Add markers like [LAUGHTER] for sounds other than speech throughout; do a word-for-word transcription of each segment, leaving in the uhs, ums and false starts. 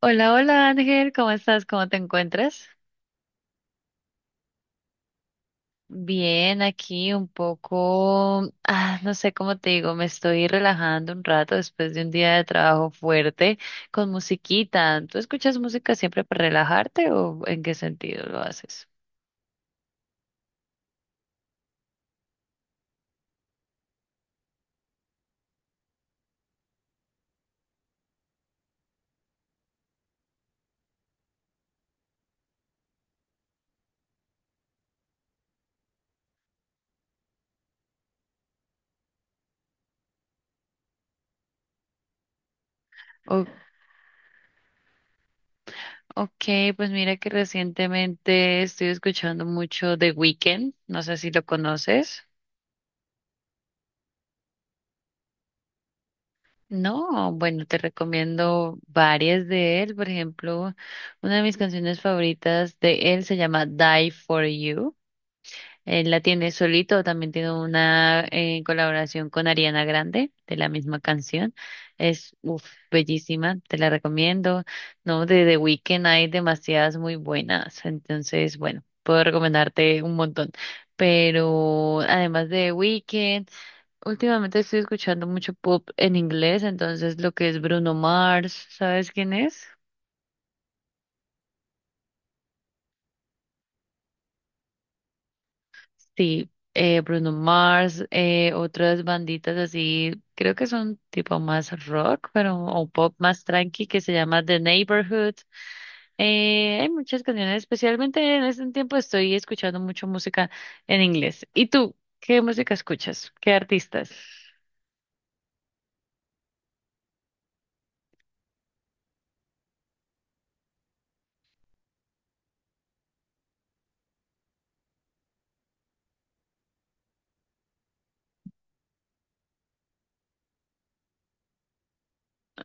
Hola, hola Ángel, ¿cómo estás? ¿Cómo te encuentras? Bien, aquí un poco, ah, no sé cómo te digo, me estoy relajando un rato después de un día de trabajo fuerte con musiquita. ¿Tú escuchas música siempre para relajarte o en qué sentido lo haces? O- ok, pues mira que recientemente estoy escuchando mucho The Weeknd, no sé si lo conoces. No, bueno, te recomiendo varias de él. Por ejemplo, una de mis canciones favoritas de él se llama Die for You. Él la tiene solito, también tiene una eh, colaboración con Ariana Grande de la misma canción. Es uf, bellísima, te la recomiendo. No, de The Weeknd hay demasiadas muy buenas, entonces, bueno, puedo recomendarte un montón. Pero además de The Weeknd, últimamente estoy escuchando mucho pop en inglés, entonces lo que es Bruno Mars, ¿sabes quién es? Sí, eh, Bruno Mars, eh, otras banditas así, creo que son tipo más rock, pero o pop más tranqui que se llama The Neighborhood. Eh, hay muchas canciones, especialmente en este tiempo estoy escuchando mucho música en inglés. ¿Y tú? ¿Qué música escuchas? ¿Qué artistas?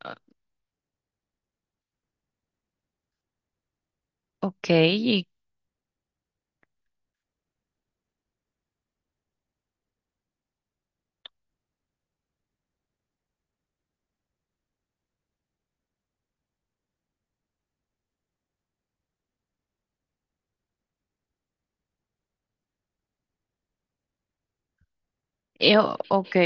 Ah, ok, y, y- o- ok.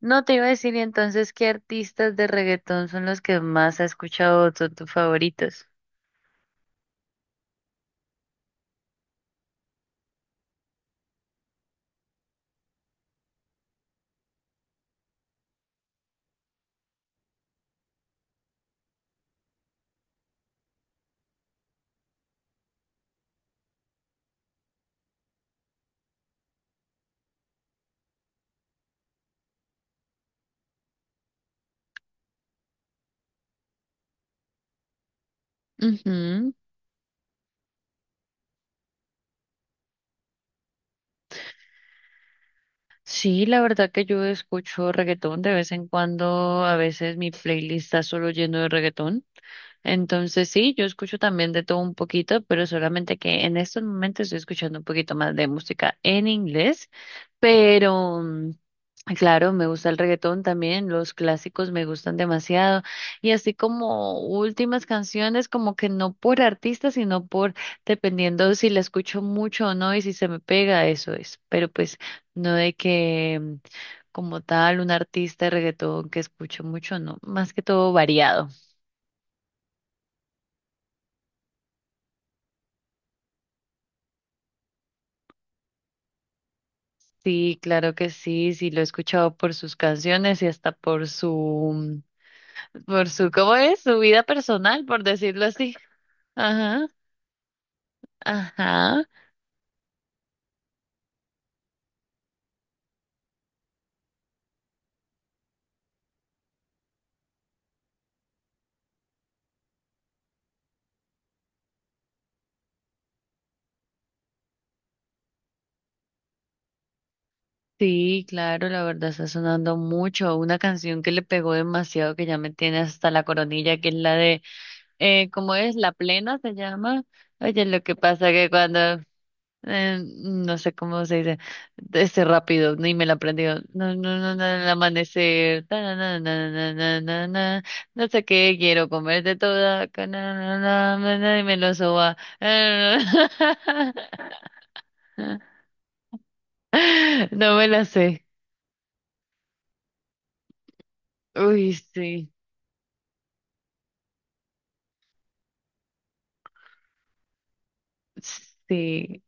No te iba a decir y entonces qué artistas de reggaetón son los que más has escuchado, son tus favoritos. Ujú. Sí, la verdad que yo escucho reggaetón de vez en cuando, a veces mi playlist está solo lleno de reggaetón. Entonces sí, yo escucho también de todo un poquito, pero solamente que en estos momentos estoy escuchando un poquito más de música en inglés. Pero, mm, claro, me gusta el reggaetón también, los clásicos me gustan demasiado. Y así como últimas canciones, como que no por artista, sino por, dependiendo si la escucho mucho o no y si se me pega, eso es. Pero pues no de que mm, como tal un artista de reggaetón que escucho mucho, no, más que todo variado. Sí, claro que sí, sí lo he escuchado por sus canciones y hasta por su, mm, por su, ¿cómo es? Su vida personal, por decirlo así. Ajá, ajá. Sí, claro, la verdad está sonando mucho. Una canción que le pegó demasiado, que ya me tiene hasta la coronilla, que es la de, eh, ¿cómo es? La plena se llama. Oye, lo que pasa que cuando, eh, no sé cómo se dice, ese rápido, ni me la aprendí. No, no, no, no, el amanecer. Ta, na, na, na, na, na, na, na, no sé qué, quiero comerte toda. Ca, na, na, na, na, na, y me lo soba. [LAUGHS] No me la sé. Uy, sí, sí,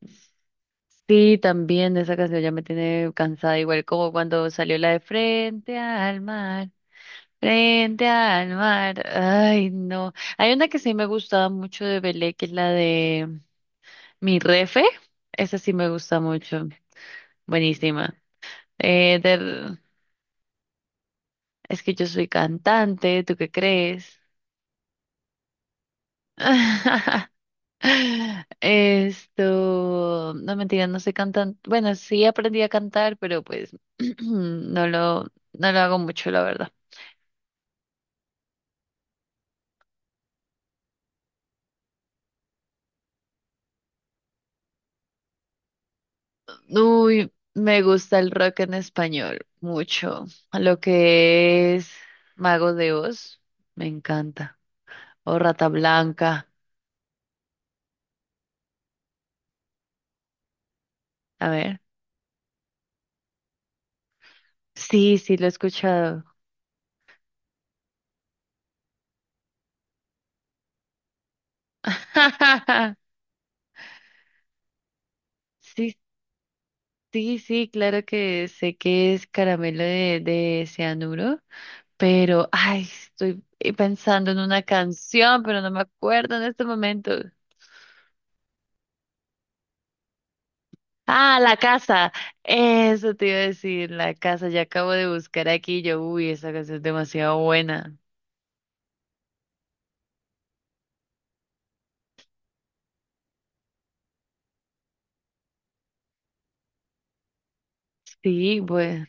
sí, también esa canción ya me tiene cansada, igual como cuando salió la de Frente al mar, Frente al mar, ay, no. Hay una que sí me gustaba mucho de Belé, que es la de Mi Refe, esa sí me gusta mucho, buenísima. Eh, de- Es que yo soy cantante, ¿tú qué crees? [LAUGHS] [LAUGHS] Esto, no mentira, no sé cantar. Bueno, sí aprendí a cantar, pero pues [CLEARS THROAT] no lo, no lo hago mucho, la verdad. Uy, me gusta el rock en español, mucho. Lo que es Mago de Oz, me encanta. O Rata Blanca, a ver. Sí, sí, lo he escuchado. [LAUGHS] Sí, sí, sí, claro que sé que es caramelo de, de cianuro. Pero, ay, estoy pensando en una canción, pero no me acuerdo en este momento. Ah, La Casa. Eso te iba a decir, La Casa. Ya acabo de buscar aquí. Yo, uy, esa canción es demasiado buena. Sí, bueno.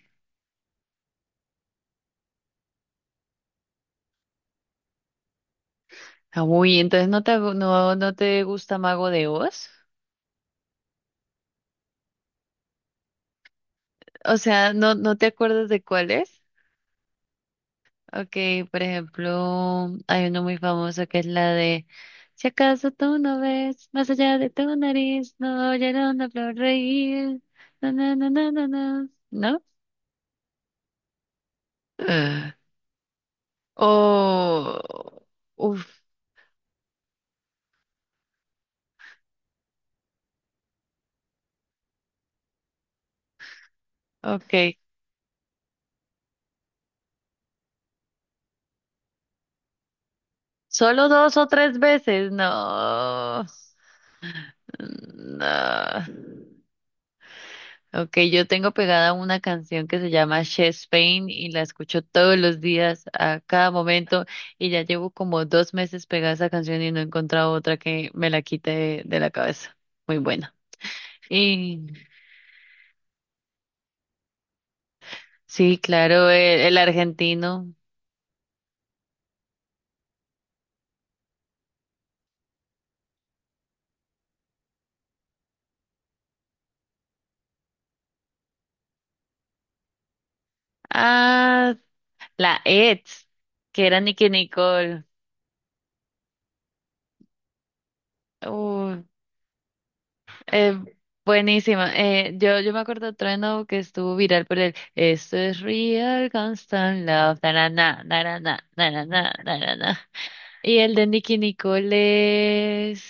Ah, uy, entonces no te, no, no te gusta Mago de Oz. O sea, no, no te acuerdas de cuál es. Okay, por ejemplo, hay uno muy famoso que es la de Si acaso tú no ves más allá de tu nariz, no oyeron una flor reír. No, no, no, no, no, no. ¿No? Ah. Oh, uf, okay. Solo dos o tres veces, no. No. Ok, yo tengo pegada una canción que se llama Chest Pain y la escucho todos los días, a cada momento, y ya llevo como dos meses pegada a esa canción y no he encontrado otra que me la quite de, de la cabeza. Muy buena. Y sí, claro, el, el argentino. Ah, la ex, que era Nicki Nicole. Uy, Eh, buenísima. Eh, yo, yo me acuerdo de Trueno que estuvo viral por el Esto es real constant love, na narana, narana, narana. Y el de Nicky Nicole es...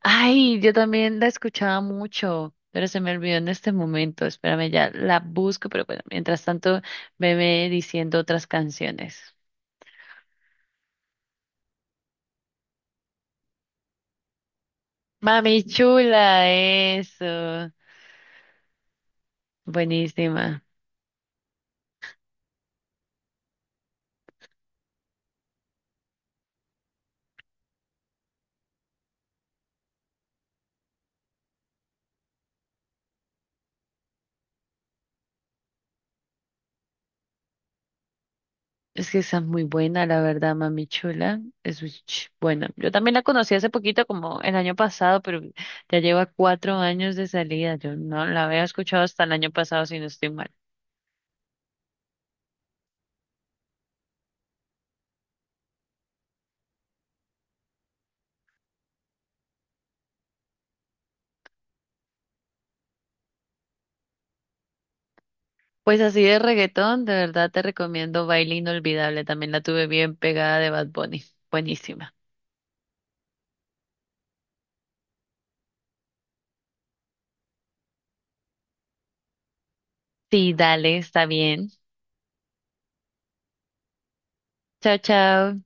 Ay, yo también la escuchaba mucho, pero se me olvidó en este momento. Espérame, ya la busco, pero bueno, mientras tanto, veme diciendo otras canciones. Mami chula, eso. Buenísima. Es que esa es muy buena, la verdad, Mami Chula. Es muy ch- buena. Yo también la conocí hace poquito, como el año pasado, pero ya lleva cuatro años de salida. Yo no la había escuchado hasta el año pasado, si no estoy mal. Pues así de reggaetón, de verdad te recomiendo Baile Inolvidable. También la tuve bien pegada de Bad Bunny. Buenísima. Sí, dale, está bien. Chao, chao.